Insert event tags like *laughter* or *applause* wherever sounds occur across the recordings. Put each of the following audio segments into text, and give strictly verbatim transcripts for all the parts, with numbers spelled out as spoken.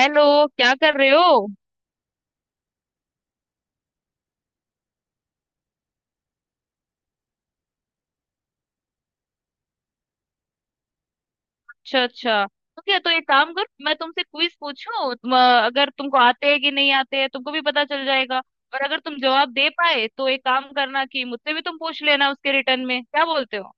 Hello. क्या कर रहे हो? अच्छा अच्छा, ठीक है। तो एक काम कर, मैं तुमसे क्विज पूछूं। तुम, अ, अगर तुमको आते हैं कि नहीं आते हैं तुमको भी पता चल जाएगा। और अगर तुम जवाब दे पाए तो एक काम करना कि मुझसे भी तुम पूछ लेना उसके रिटर्न में, क्या बोलते हो?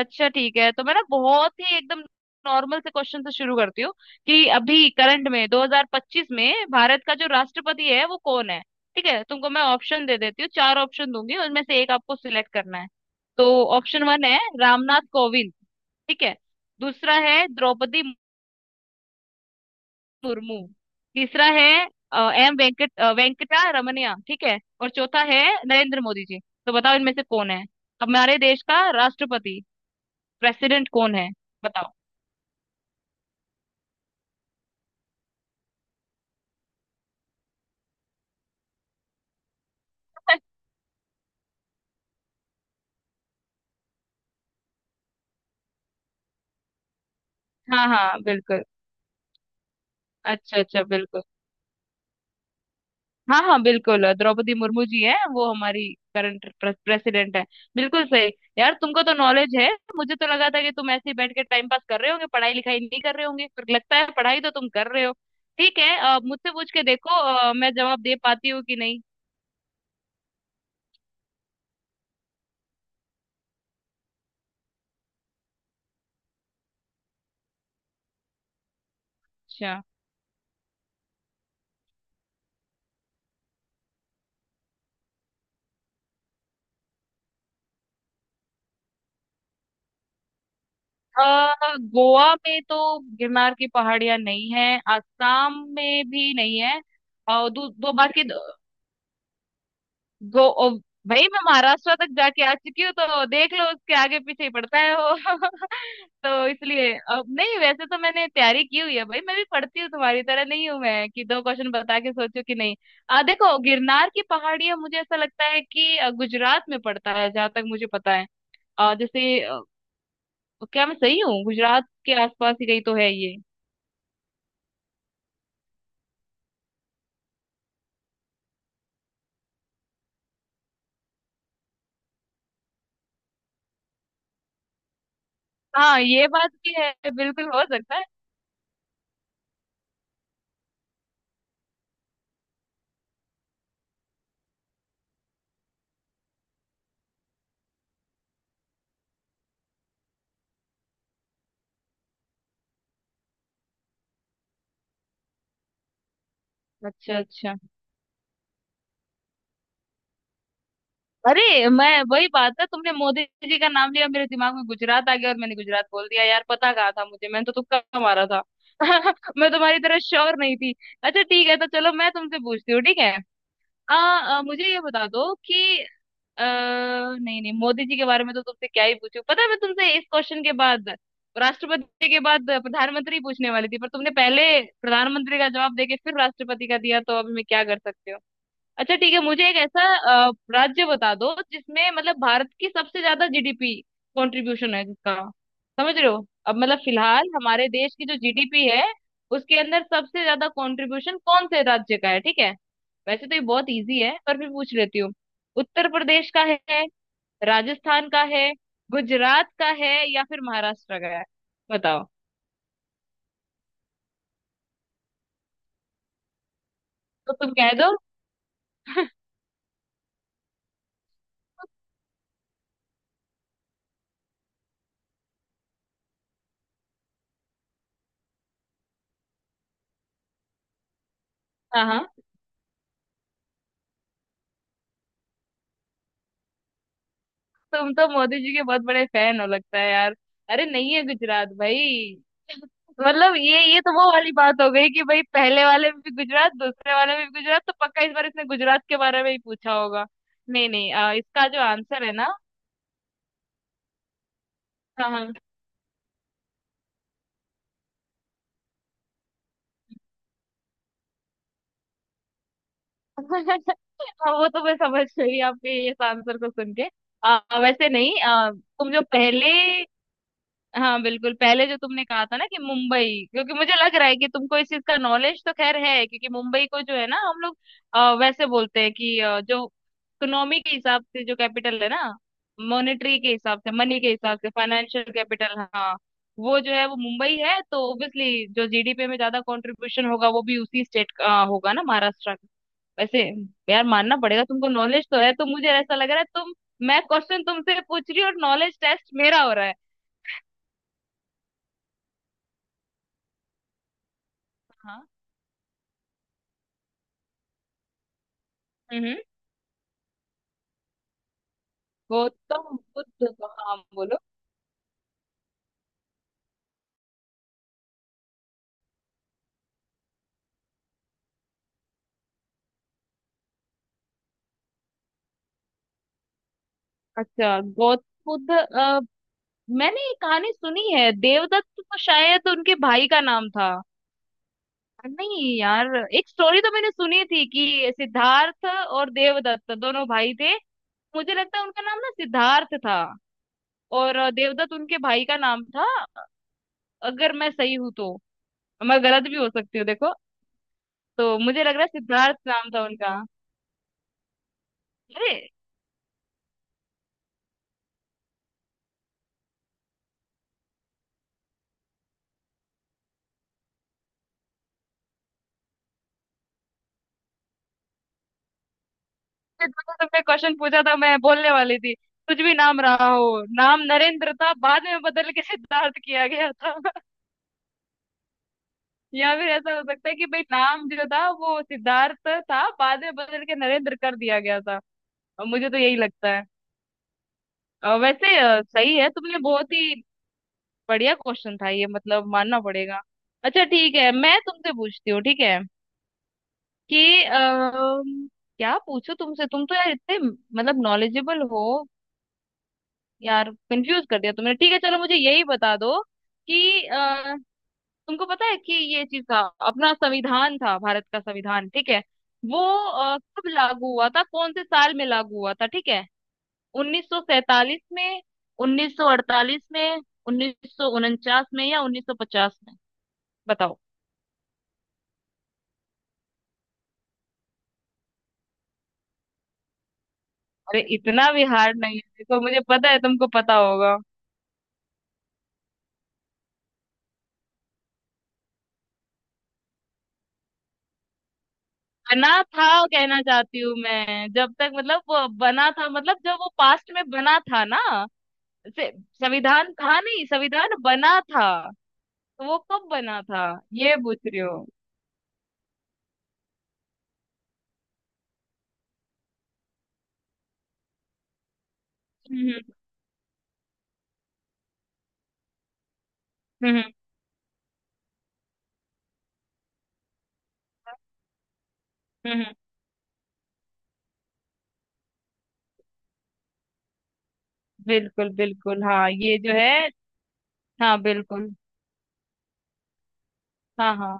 अच्छा ठीक है। तो मैं ना बहुत ही एकदम नॉर्मल से क्वेश्चन से शुरू करती हूँ कि अभी करंट में दो हज़ार पच्चीस में भारत का जो राष्ट्रपति है वो कौन है। ठीक है, तुमको मैं ऑप्शन दे देती हूँ। चार ऑप्शन दूंगी, उनमें से एक आपको सिलेक्ट करना है। तो ऑप्शन वन है रामनाथ कोविंद, ठीक है। दूसरा है द्रौपदी मुर्मू। तीसरा है अ, एम वेंकट अ, वेंकटा रमनिया, ठीक है। और चौथा है नरेंद्र मोदी जी। तो बताओ इनमें से कौन है हमारे देश का राष्ट्रपति, प्रेसिडेंट कौन है? बताओ। *laughs* हाँ हाँ बिल्कुल। अच्छा अच्छा, बिल्कुल। हाँ हाँ बिल्कुल, द्रौपदी मुर्मू जी हैं वो हमारी करंट प्रेसिडेंट है। बिल्कुल सही। यार तुमको तो नॉलेज है। मुझे तो लगा था कि तुम ऐसे ही बैठ के टाइम पास कर रहे होंगे, पढ़ाई लिखाई नहीं कर रहे होंगे, पर लगता है पढ़ाई तो तुम कर रहे हो। ठीक है, अ, मुझसे पूछ के देखो अ, मैं जवाब दे पाती हूँ कि नहीं। अच्छा, अ, गोवा में तो गिरनार की पहाड़ियां नहीं है, आसाम में भी नहीं है। और दो, दो बाकी। गो ओ, भाई मैं महाराष्ट्र तक जाके आ चुकी हूँ तो देख लो उसके आगे पीछे ही पड़ता है वो। *laughs* तो इसलिए अब नहीं, वैसे तो मैंने तैयारी की हुई है भाई, मैं भी पढ़ती हूँ, तुम्हारी तरह नहीं हूँ मैं कि दो क्वेश्चन बता के सोचो कि नहीं। आ देखो, गिरनार की पहाड़ियां मुझे ऐसा लगता है कि अ, गुजरात में पड़ता है, जहां तक मुझे पता है। आ, जैसे अ, क्या मैं सही हूँ? गुजरात के आसपास ही कहीं तो है ये। हाँ ये बात भी है, बिल्कुल हो सकता है। अच्छा अच्छा। अरे मैं, वही बात है, तुमने मोदी जी का नाम लिया मेरे दिमाग में गुजरात आ गया और मैंने गुजरात बोल दिया। यार पता कहा था मुझे, मैंने तो तुक्का मारा था। मैं तुम्हारी तरह श्योर नहीं थी। अच्छा ठीक है, तो चलो मैं तुमसे पूछती हूँ, ठीक है। आ, आ, मुझे ये बता दो कि आ, नहीं नहीं, मोदी जी के बारे में तो तुमसे क्या ही पूछूं। पता है मैं तुमसे इस क्वेश्चन के बाद, राष्ट्रपति के बाद प्रधानमंत्री पूछने वाली थी, पर तुमने पहले प्रधानमंत्री का जवाब देके फिर राष्ट्रपति का दिया, तो अभी मैं क्या कर सकती हूँ। अच्छा ठीक है, मुझे एक ऐसा अ, राज्य बता दो जिसमें मतलब भारत की सबसे ज्यादा जीडीपी कंट्रीब्यूशन है जिसका, समझ रहे हो? अब मतलब फिलहाल हमारे देश की जो जीडीपी है उसके अंदर सबसे ज्यादा कंट्रीब्यूशन कौन से राज्य का है, ठीक है। वैसे तो ये बहुत इजी है पर भी पूछ लेती हूँ। उत्तर प्रदेश का है, राजस्थान का है, गुजरात का है, या फिर महाराष्ट्र का है? बताओ। तो तुम कह दो। *laughs* हाँ हाँ, तुम तो मोदी जी के बहुत बड़े फैन हो लगता है यार। अरे नहीं है गुजरात भाई। मतलब ये ये तो वो वाली बात हो गई कि भाई पहले वाले में भी गुजरात, दूसरे वाले में भी गुजरात, तो पक्का इस बार इसने गुजरात के बारे में ही पूछा होगा। नहीं नहीं, अ, इसका जो आंसर है ना, हाँ हाँ। *laughs* हाँ, वो तो मैं समझ गई आपके इस आंसर को सुन के। अ, वैसे नहीं अ, तुम जो पहले, हाँ बिल्कुल, पहले जो तुमने कहा था ना कि मुंबई, क्योंकि मुझे लग रहा है कि तुमको इस चीज का नॉलेज तो खैर है, क्योंकि मुंबई को जो है ना हम लोग अ, वैसे बोलते हैं कि अ, जो इकोनॉमी के हिसाब से जो कैपिटल है ना, मॉनेटरी के हिसाब से, मनी के हिसाब से फाइनेंशियल कैपिटल, हाँ। वो जो है वो मुंबई है, तो ऑब्वियसली जो जीडीपी में ज्यादा कंट्रीब्यूशन होगा वो भी उसी स्टेट का होगा ना, महाराष्ट्र का। वैसे, यार मानना पड़ेगा, तुमको नॉलेज तो है। तो मुझे ऐसा लग रहा है तुम, मैं क्वेश्चन तुमसे पूछ रही हूँ और नॉलेज टेस्ट मेरा हो रहा है। हम्म। गौतम बुद्ध का, हाँ बोलो। अच्छा, गौतम बुद्ध, अ, मैंने ये कहानी सुनी है, देवदत्त तो शायद उनके भाई का नाम था। नहीं यार, एक स्टोरी तो मैंने सुनी थी कि सिद्धार्थ और देवदत्त दोनों भाई थे। मुझे लगता है उनका नाम ना सिद्धार्थ था, और अ, देवदत्त उनके भाई का नाम था। अगर मैं सही हूं तो, मैं गलत भी हो सकती हूँ, देखो। तो मुझे लग रहा है सिद्धार्थ नाम था उनका। अरे, जो तुमने क्वेश्चन पूछा था मैं बोलने वाली थी, कुछ भी नाम रहा हो, नाम नरेंद्र था बाद में बदल के सिद्धार्थ किया गया था। *laughs* या फिर ऐसा हो सकता है कि भाई नाम जो था वो सिद्धार्थ था, बाद में बदल के नरेंद्र कर दिया गया था। और मुझे तो यही लगता है। अ, वैसे अ, सही है तुमने, बहुत ही बढ़िया क्वेश्चन था ये, मतलब मानना पड़ेगा। अच्छा ठीक है, मैं तुमसे पूछती हूँ, ठीक है। कि अ, क्या पूछो तुमसे, तुम तो यार इतने मतलब नॉलेजेबल हो। यार कंफ्यूज कर दिया तुमने। ठीक है चलो, मुझे यही बता दो कि अ, तुमको पता है कि ये चीज था, अपना संविधान था, भारत का संविधान, ठीक है। वो अ, कब लागू हुआ था, कौन से साल में लागू हुआ था, ठीक है। उन्नीस सौ सैंतालीस में, उन्नीस सौ अड़तालीस में, उन्नीस सौ उनचास में, या उन्नीस सौ पचास में? बताओ। अरे इतना भी हार्ड नहीं है, देखो मुझे पता है तुमको पता होगा। बना था, कहना चाहती हूँ मैं, जब तक मतलब वो बना था मतलब जब वो पास्ट में बना था ना, से- संविधान था नहीं संविधान बना था, तो वो कब बना था, ये पूछ रही हो। हम्म हम्म। हम्म, हम्म। हम्म। बिल्कुल बिल्कुल। हाँ ये जो है, हाँ बिल्कुल। हाँ हाँ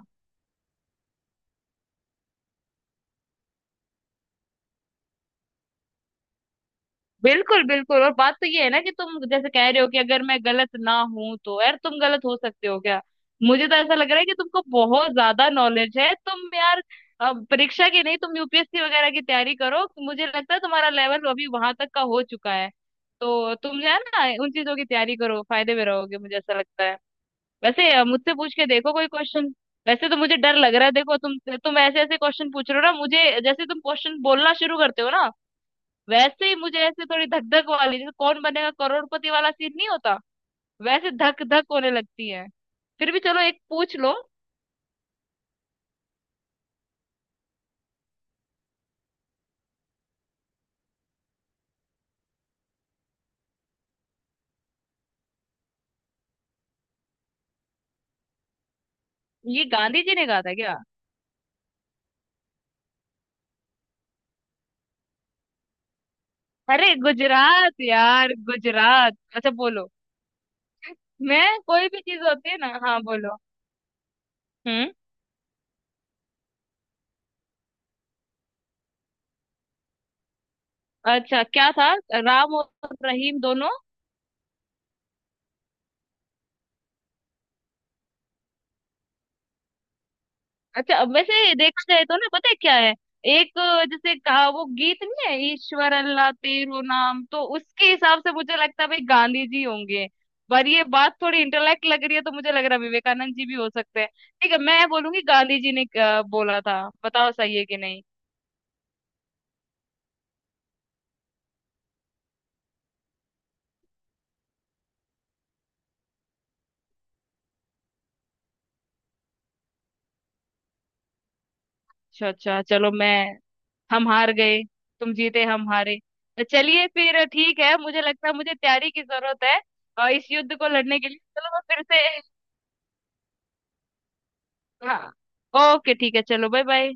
बिल्कुल बिल्कुल। और बात तो ये है ना कि तुम जैसे कह रहे हो कि अगर मैं गलत ना हूं तो, यार तुम गलत हो सकते हो क्या? मुझे तो ऐसा लग रहा है कि तुमको बहुत ज्यादा नॉलेज है तुम यार। अ, परीक्षा की नहीं, तुम यूपीएससी वगैरह की तैयारी करो, मुझे लगता है तुम्हारा लेवल अभी वहां तक का हो चुका है। तो तुम जो है ना उन चीजों की तैयारी करो फायदे में रहोगे, मुझे ऐसा लगता है। वैसे अ, मुझसे पूछ के देखो कोई क्वेश्चन। वैसे तो मुझे डर लग रहा है, देखो तुम तुम ऐसे ऐसे क्वेश्चन पूछ रहे हो ना, मुझे जैसे तुम क्वेश्चन बोलना शुरू करते हो ना वैसे ही मुझे ऐसे, थोड़ी धक धक वाली जैसे कौन बनेगा करोड़पति वाला सीन नहीं होता, वैसे धक धक होने लगती है। फिर भी चलो एक पूछ लो। ये गांधी जी ने कहा था क्या? अरे गुजरात यार, गुजरात। अच्छा बोलो। मैं, कोई भी चीज होती है ना, हाँ बोलो। हम्म। अच्छा क्या था, राम और रहीम दोनों। अच्छा अब वैसे देखा जाए तो ना, पता है क्या है, एक अ, जैसे का वो गीत नहीं है ईश्वर अल्लाह तेरो नाम, तो उसके हिसाब से मुझे लगता है भाई गांधी जी होंगे। पर ये बात थोड़ी इंटेलेक्ट लग रही है तो मुझे लग रहा है विवेकानंद जी भी हो सकते हैं। ठीक है मैं बोलूंगी गांधी जी ने अ, बोला था, बताओ सही है कि नहीं। अच्छा अच्छा, चलो मैं, हम हार गए। तुम जीते, हम हारे। तो चलिए फिर ठीक है, मुझे लगता है मुझे तैयारी की जरूरत है अ, इस युद्ध को लड़ने के लिए। चलो मैं फिर से, हाँ ओके ठीक है, चलो बाय बाय।